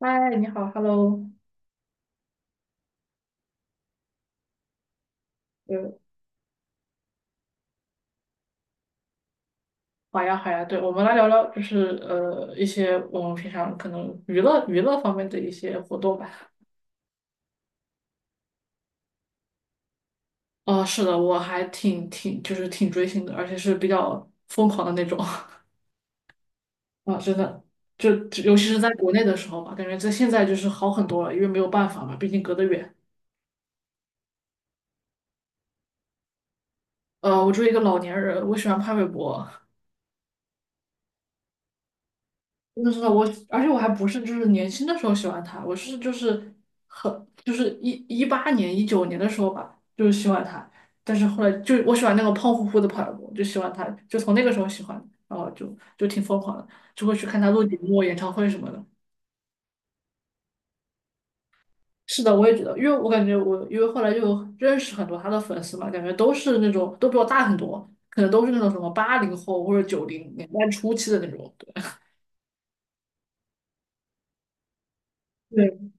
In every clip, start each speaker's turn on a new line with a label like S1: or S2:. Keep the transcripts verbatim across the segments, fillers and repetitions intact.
S1: 嗨，你好，Hello，呃，好呀，好呀，对，我们来聊聊，就是呃，一些我们平常可能娱乐娱乐方面的一些活动吧。啊、是的，我还挺挺就是挺追星的，而且是比较疯狂的那种。 啊，真的，就就尤其是在国内的时候吧，感觉在现在就是好很多了，因为没有办法嘛，毕竟隔得远。呃，我作为一个老年人，我喜欢潘玮柏，真的真的我，而且我还不是就是年轻的时候喜欢他，我是就是很就是一一八年一九年的时候吧，就是喜欢他，但是后来就我喜欢那个胖乎乎的跑步，就喜欢他，就从那个时候喜欢，然后就就挺疯狂的，就会去看他录节目、演唱会什么的。是的，我也觉得，因为我感觉我因为后来就有认识很多他的粉丝嘛，感觉都是那种都比我大很多，可能都是那种什么八零后或者九零年代初期的那种。对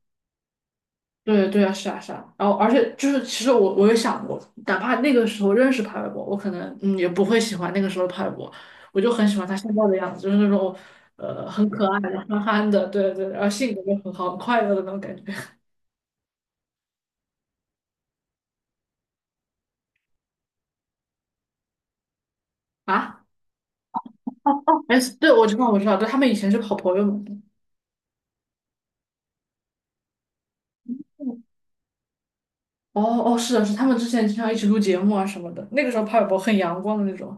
S1: 对对啊，是啊是啊，然后而且就是，其实我我也想过，哪怕那个时候认识帕玮柏，我可能嗯也不会喜欢那个时候的帕玮柏，我就很喜欢他现在的样子，就是那种呃很可爱的憨憨的，对对，然后性格又很好，很快乐的那种感觉啊。哎，对，我知道我知道，对，他们以前是好朋友嘛。哦哦，是的是的，他们之前经常一起录节目啊什么的，那个时候帕玮柏很阳光的那种。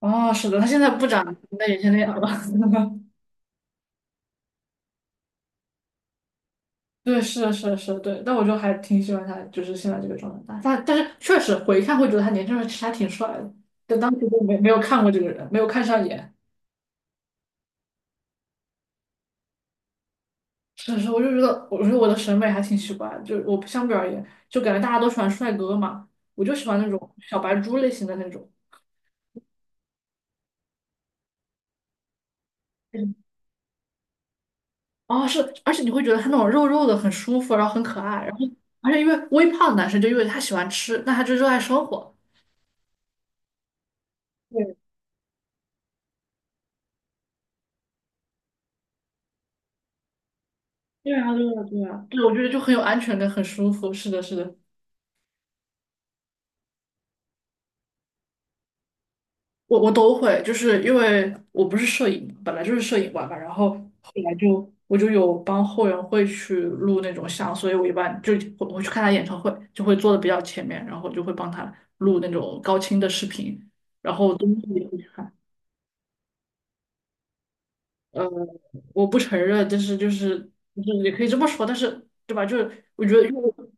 S1: 哦，是的，他现在不长那以前那样了。对，是的，是的，是的，对，但我就还挺喜欢他，就是现在这个状态。但但是确实回看会觉得他年轻时候其实还挺帅的，但当时就没没有看过这个人，没有看上眼。是是，我就觉得，我觉得我的审美还挺奇怪的，就我不相比而言，就感觉大家都喜欢帅哥嘛，我就喜欢那种小白猪类型的那种。嗯哦，是，而且你会觉得他那种肉肉的很舒服，然后很可爱，然后而且因为微胖男生就因为他喜欢吃，那他就热爱生活。对，对啊，对啊，对啊，对，我觉得就很有安全感，很舒服。是的，是的。我我都会，就是因为我不是摄影嘛本来就是摄影馆嘛，然后后来就我就有帮后援会去录那种像，所以我一般就我我去看他演唱会，就会坐的比较前面，然后就会帮他录那种高清的视频，然后东西也会看。呃，我不承认，但是就是就是也可以这么说，但是对吧？就是我觉得因为，我，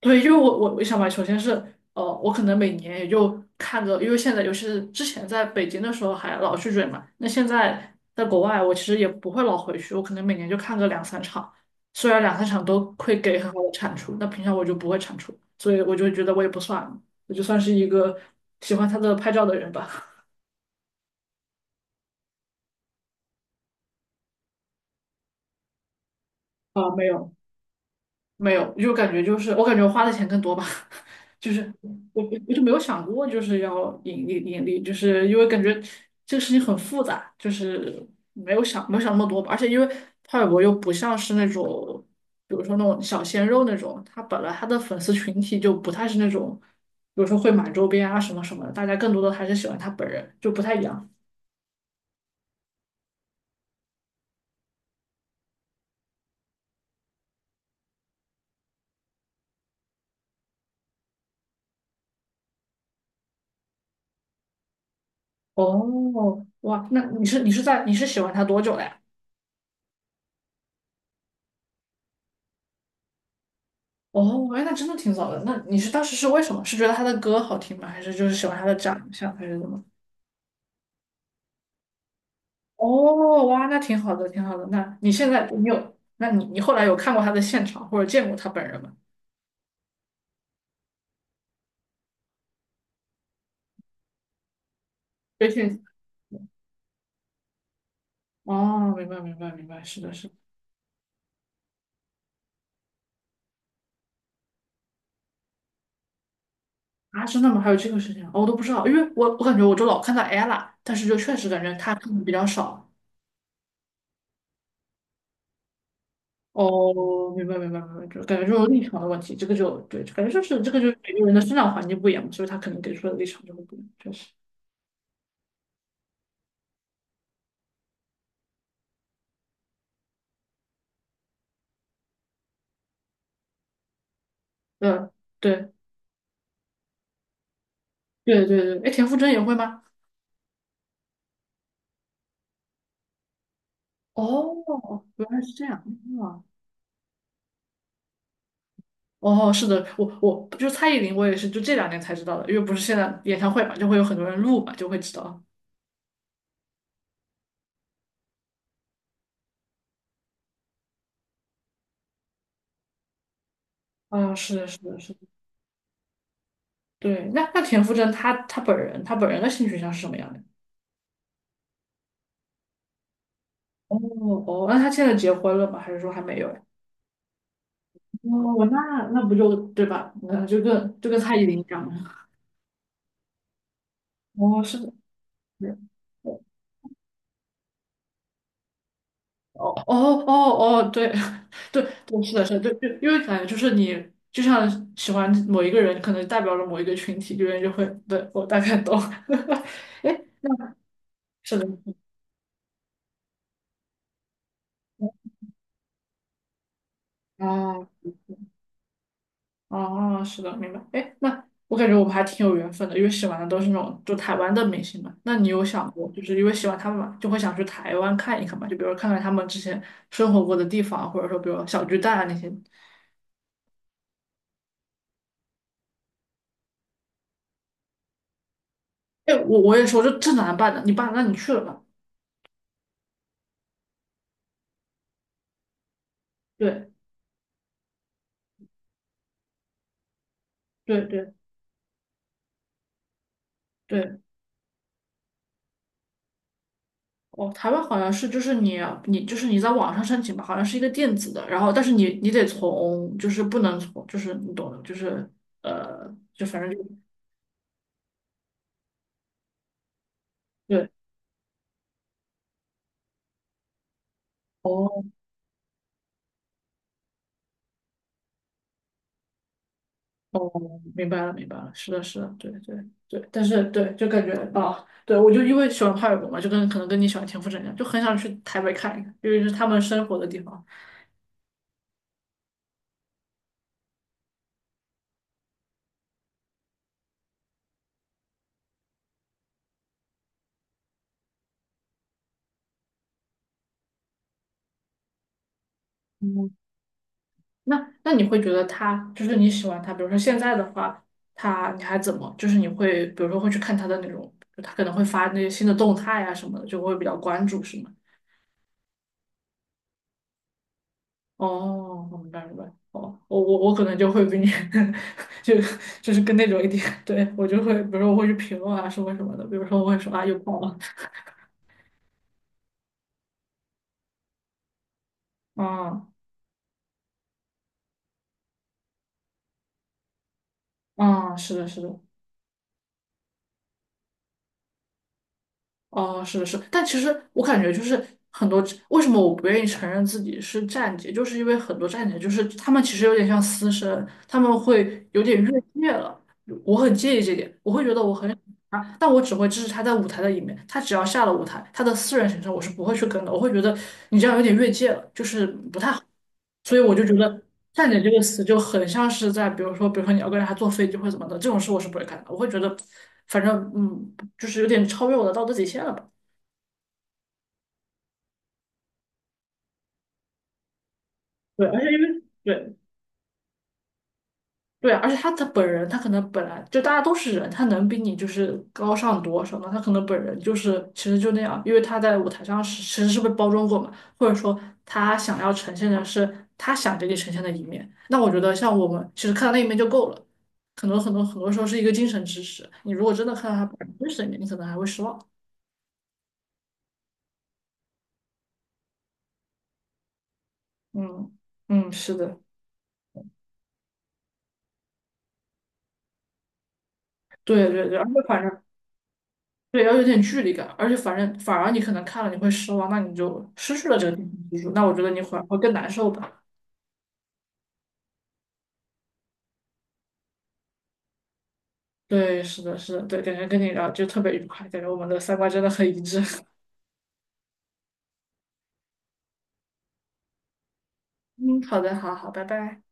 S1: 对，因为我我我想吧，首先是呃，我可能每年也就看个，因为现在尤其是之前在北京的时候还老去追嘛，那现在在国外，我其实也不会老回去，我可能每年就看个两三场，虽然两三场都会给很好的产出，那平常我就不会产出，所以我就觉得我也不算，我就算是一个喜欢他的拍照的人吧。啊、没有。没有，就感觉就是我感觉我花的钱更多吧，就是我我我就没有想过就是要盈利盈利，就是因为感觉这个事情很复杂，就是没有想没有想那么多吧，而且因为派尔博又不像是那种，比如说那种小鲜肉那种，他本来他的粉丝群体就不太是那种，比如说会买周边啊什么什么的，大家更多的还是喜欢他本人，就不太一样。哦，哇，那你是你是在你是喜欢他多久了呀？哦，哎，那真的挺早的。那你是当时是为什么？是觉得他的歌好听吗？还是就是喜欢他的长相，还是怎么？哦，哇，那挺好的，挺好的。那你现在你有，那你你后来有看过他的现场或者见过他本人吗？微信。哦，明白，明白，明白，是的，是的。啊，真的吗？还有这个事情啊哦我都不知道，因为我我感觉我就老看到 ella，但是就确实感觉他看的比较少。哦，明白，明白，明白，就感觉这种立场的问题，这个就对，感觉就是这个就是每个人的生长环境不一样嘛，所以他可能给出的立场就会不一样，确实。嗯，对，对对对，哎，田馥甄也会吗？哦，原来是这样啊！哦，是的，我我就蔡依林，我也是就这两年才知道的，因为不是现在演唱会嘛，就会有很多人录嘛，就会知道。啊，是的，是的，是的，对。那那田馥甄她她本人她本人的性取向是什么样的？哦哦，那她现在结婚了吗？还是说还没有呀？哦，那那不就对吧？那就跟就跟蔡依林一样嘛。哦，是的，是的。哦哦哦哦，对。 对对，是的，是的，对，就因为感觉就是你就像喜欢某一个人，可能代表了某一个群体，有人就会，对，我大概懂。哎，是的，哦哦，是的，明白。哎，那我感觉我们还挺有缘分的，因为喜欢的都是那种就台湾的明星嘛。那你有想过，就是因为喜欢他们嘛，就会想去台湾看一看嘛？就比如看看他们之前生活过的地方，或者说比如小巨蛋啊那些。哎，我我也说，就这哪能办呢？你办，那你去了吧？对对对对。哦，台湾好像是就是你你就是你在网上申请吧，好像是一个电子的，然后但是你你得从就是不能从就是你懂的，就是呃就反正就对。哦哦，明白了明白了，是的是的，对对对，但是对就感觉啊，对我就因为喜欢潘玮滨嘛，就跟可能跟你喜欢田馥甄一样，就很想去台北看一看，因为是他们生活的地方。嗯。那那你会觉得他就是你喜欢他，比如说现在的话，他你还怎么？就是你会比如说会去看他的那种，就他可能会发那些新的动态啊什么的，就会比较关注，是吗？哦，我明白明白。哦，我我我可能就会比你 就就是跟那种一点，对我就会，比如说我会去评论啊，什么什么的，比如说我会说啊又爆了，嗯嗯，是的是的，哦，是的，是的但其实我感觉就是很多，为什么我不愿意承认自己是站姐，就是因为很多站姐就是他们其实有点像私生，他们会有点越界了，我很介意这点，我会觉得我很啊，但我只会支持他在舞台的一面。他只要下了舞台，他的私人行程我是不会去跟的。我会觉得你这样有点越界了，就是不太好。所以我就觉得“站点”这个词就很像是在，比如说，比如说你要跟人家坐飞机或者怎么的，这种事我是不会干的。我会觉得，反正嗯，就是有点超越我的道德底线了吧？对，而且因为对，对啊而且他他本人，他可能本来就大家都是人，他能比你就是高尚多少呢？他可能本人就是其实就那样，因为他在舞台上是其实是被包装过嘛，或者说他想要呈现的是他想给你呈现的一面。那我觉得像我们其实看到那一面就够了，很多很多很多时候是一个精神支持。你如果真的看到他本人真实的一面，你可能还会失望。嗯嗯，是的，对对对，而且反正。对，要有点距离感，而且反正反而你可能看了你会失望，那你就失去了这个电影技术，那我觉得你会会更难受吧。对，是的，是的，对，感觉跟你聊就特别愉快，感觉我们的三观真的很一致。嗯，好的，好好，拜拜。